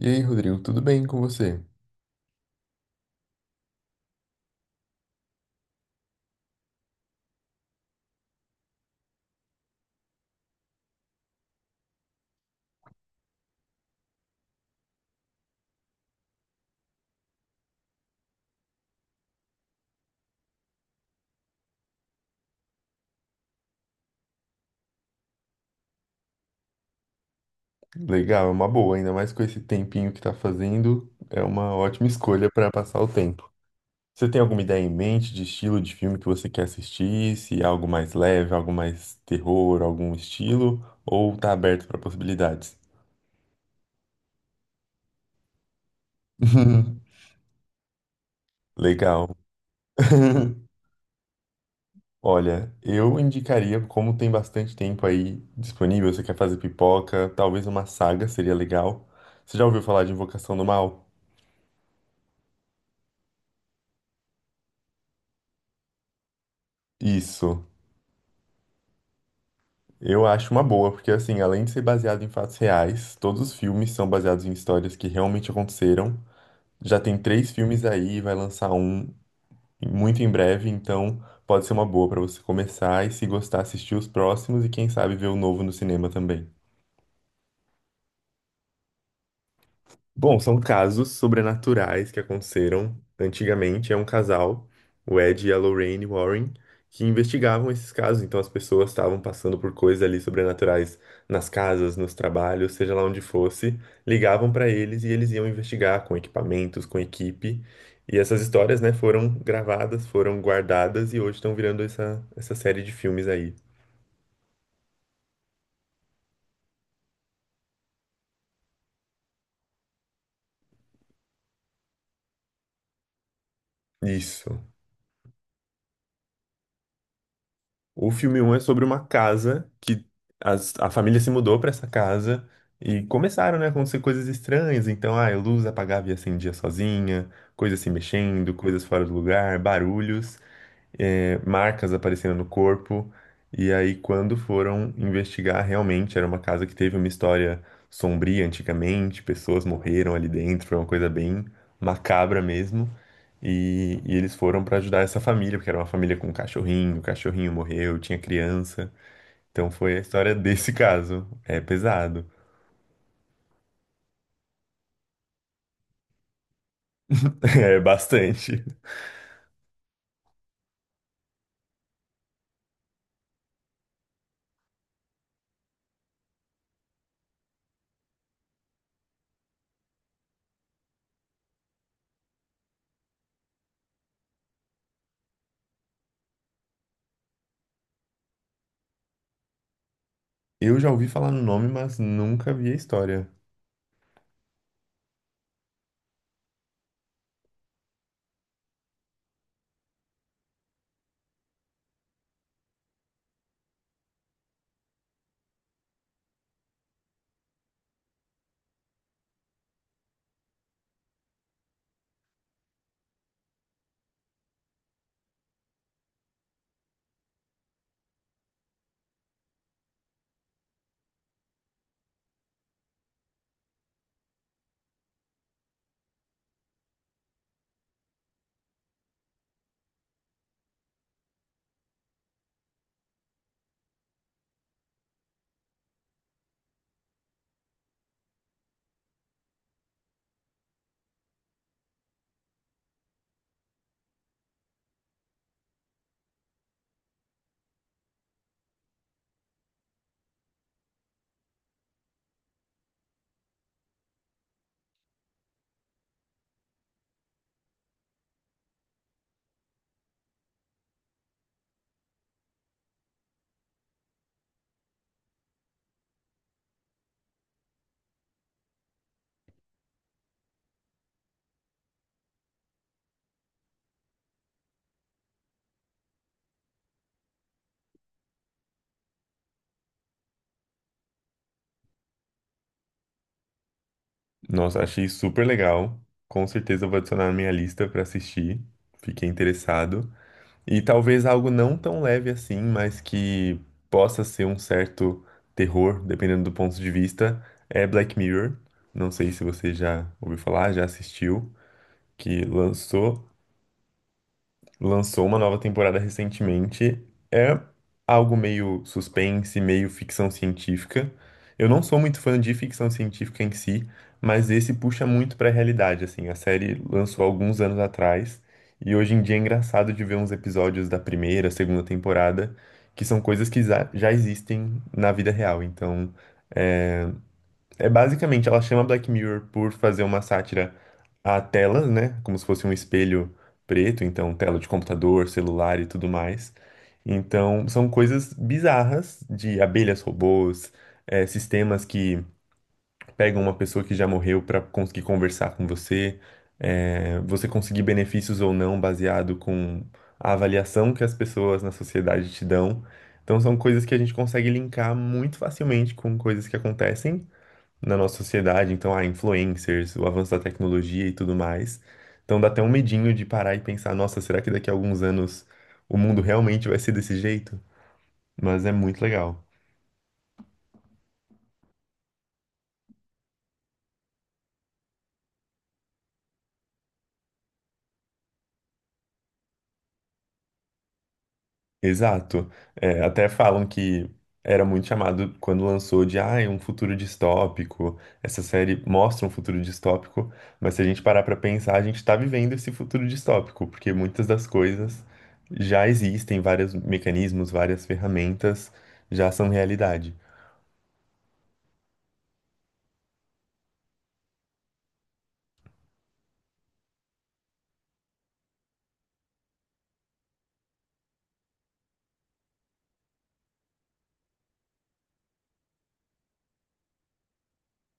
E aí, Rodrigo, tudo bem com você? Legal, é uma boa, ainda mais com esse tempinho que tá fazendo, é uma ótima escolha para passar o tempo. Você tem alguma ideia em mente de estilo de filme que você quer assistir? Se é algo mais leve, algo mais terror, algum estilo? Ou tá aberto para possibilidades? Legal. Olha, eu indicaria, como tem bastante tempo aí disponível, você quer fazer pipoca, talvez uma saga seria legal. Você já ouviu falar de Invocação do Mal? Isso. Eu acho uma boa, porque assim, além de ser baseado em fatos reais, todos os filmes são baseados em histórias que realmente aconteceram. Já tem três filmes aí, vai lançar um muito em breve, então pode ser uma boa pra você começar e, se gostar, assistir os próximos e quem sabe ver o novo no cinema também. Bom, são casos sobrenaturais que aconteceram antigamente. É um casal, o Ed e a Lorraine Warren, que investigavam esses casos. Então as pessoas estavam passando por coisas ali sobrenaturais nas casas, nos trabalhos, seja lá onde fosse. Ligavam para eles e eles iam investigar com equipamentos, com equipe. E essas histórias, né, foram gravadas, foram guardadas e hoje estão virando essa, essa série de filmes aí. Isso. O filme um é sobre uma casa que a família se mudou pra essa casa e começaram, né, a acontecer coisas estranhas. Então, a luz apagava e acendia sozinha, coisas se mexendo, coisas fora do lugar, barulhos, marcas aparecendo no corpo. E aí, quando foram investigar, realmente era uma casa que teve uma história sombria antigamente, pessoas morreram ali dentro, foi uma coisa bem macabra mesmo. E eles foram pra ajudar essa família, porque era uma família com um cachorrinho, o cachorrinho morreu, tinha criança. Então foi a história desse caso. É pesado. É bastante. Eu já ouvi falar no nome, mas nunca vi a história. Nossa, achei super legal. Com certeza eu vou adicionar na minha lista pra assistir. Fiquei interessado. E talvez algo não tão leve assim, mas que possa ser um certo terror, dependendo do ponto de vista, é Black Mirror. Não sei se você já ouviu falar, já assistiu, que lançou uma nova temporada recentemente. É algo meio suspense, meio ficção científica. Eu não sou muito fã de ficção científica em si, mas esse puxa muito pra realidade, assim. A série lançou alguns anos atrás e hoje em dia é engraçado de ver uns episódios da primeira, segunda temporada, que são coisas que já existem na vida real. Então, é basicamente, ela chama Black Mirror por fazer uma sátira a telas, né? Como se fosse um espelho preto, então tela de computador, celular e tudo mais. Então, são coisas bizarras de abelhas robôs, sistemas que pegam uma pessoa que já morreu para conseguir conversar com você, você conseguir benefícios ou não baseado com a avaliação que as pessoas na sociedade te dão. Então, são coisas que a gente consegue linkar muito facilmente com coisas que acontecem na nossa sociedade, então, influencers, o avanço da tecnologia e tudo mais. Então dá até um medinho de parar e pensar, nossa, será que daqui a alguns anos o mundo realmente vai ser desse jeito? Mas é muito legal. Exato. É, até falam que era muito chamado quando lançou de, é um futuro distópico. Essa série mostra um futuro distópico, mas se a gente parar pra pensar, a gente tá vivendo esse futuro distópico, porque muitas das coisas já existem, vários mecanismos, várias ferramentas já são realidade.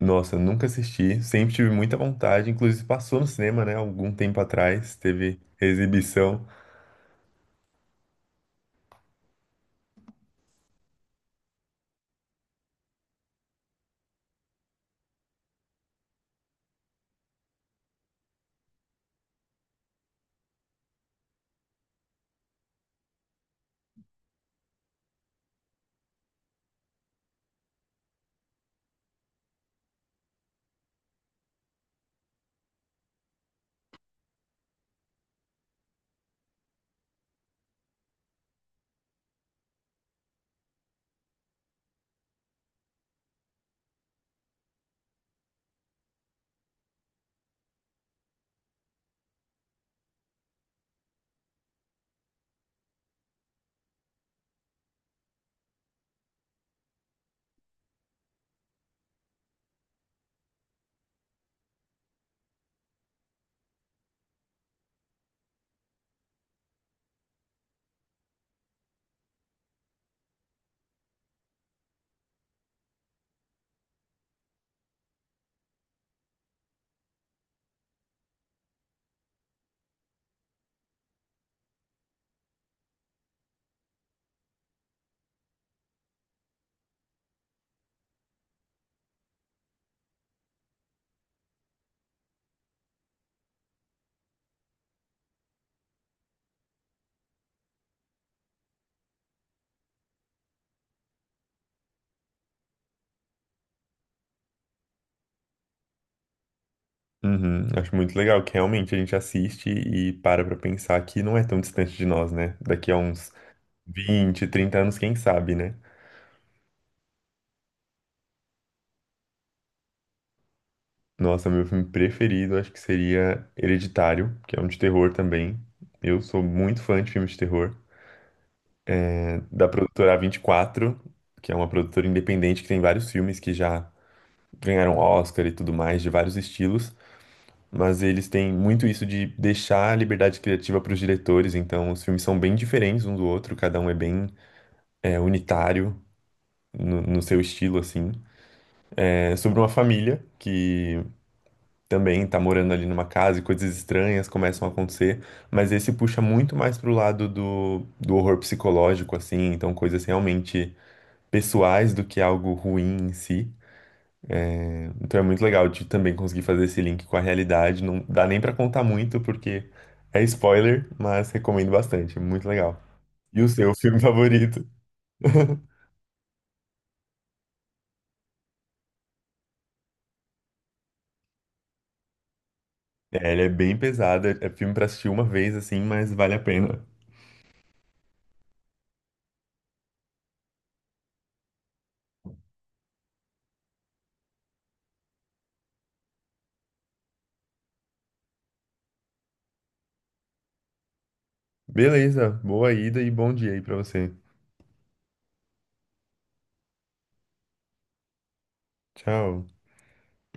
Nossa, nunca assisti, sempre tive muita vontade, inclusive passou no cinema, né, algum tempo atrás, teve exibição. Uhum, acho muito legal que realmente a gente assiste e para pra pensar que não é tão distante de nós, né? Daqui a uns 20, 30 anos, quem sabe, né? Nossa, meu filme preferido acho que seria Hereditário, que é um de terror também. Eu sou muito fã de filmes de terror, né, da produtora a 24, que é uma produtora independente que tem vários filmes que já ganharam Oscar e tudo mais, de vários estilos. Mas eles têm muito isso de deixar a liberdade criativa para os diretores, então os filmes são bem diferentes um do outro, cada um é bem unitário no seu estilo, assim. É sobre uma família que também tá morando ali numa casa e coisas estranhas começam a acontecer, mas esse puxa muito mais pro lado do horror psicológico, assim, então coisas realmente pessoais do que algo ruim em si. Então é muito legal de também conseguir fazer esse link com a realidade. Não dá nem pra contar muito, porque é spoiler, mas recomendo bastante. É muito legal. E o seu filme favorito? É, ele é bem pesado. É filme pra assistir uma vez, assim, mas vale a pena. Beleza. Boa ida e bom dia aí pra você. Tchau.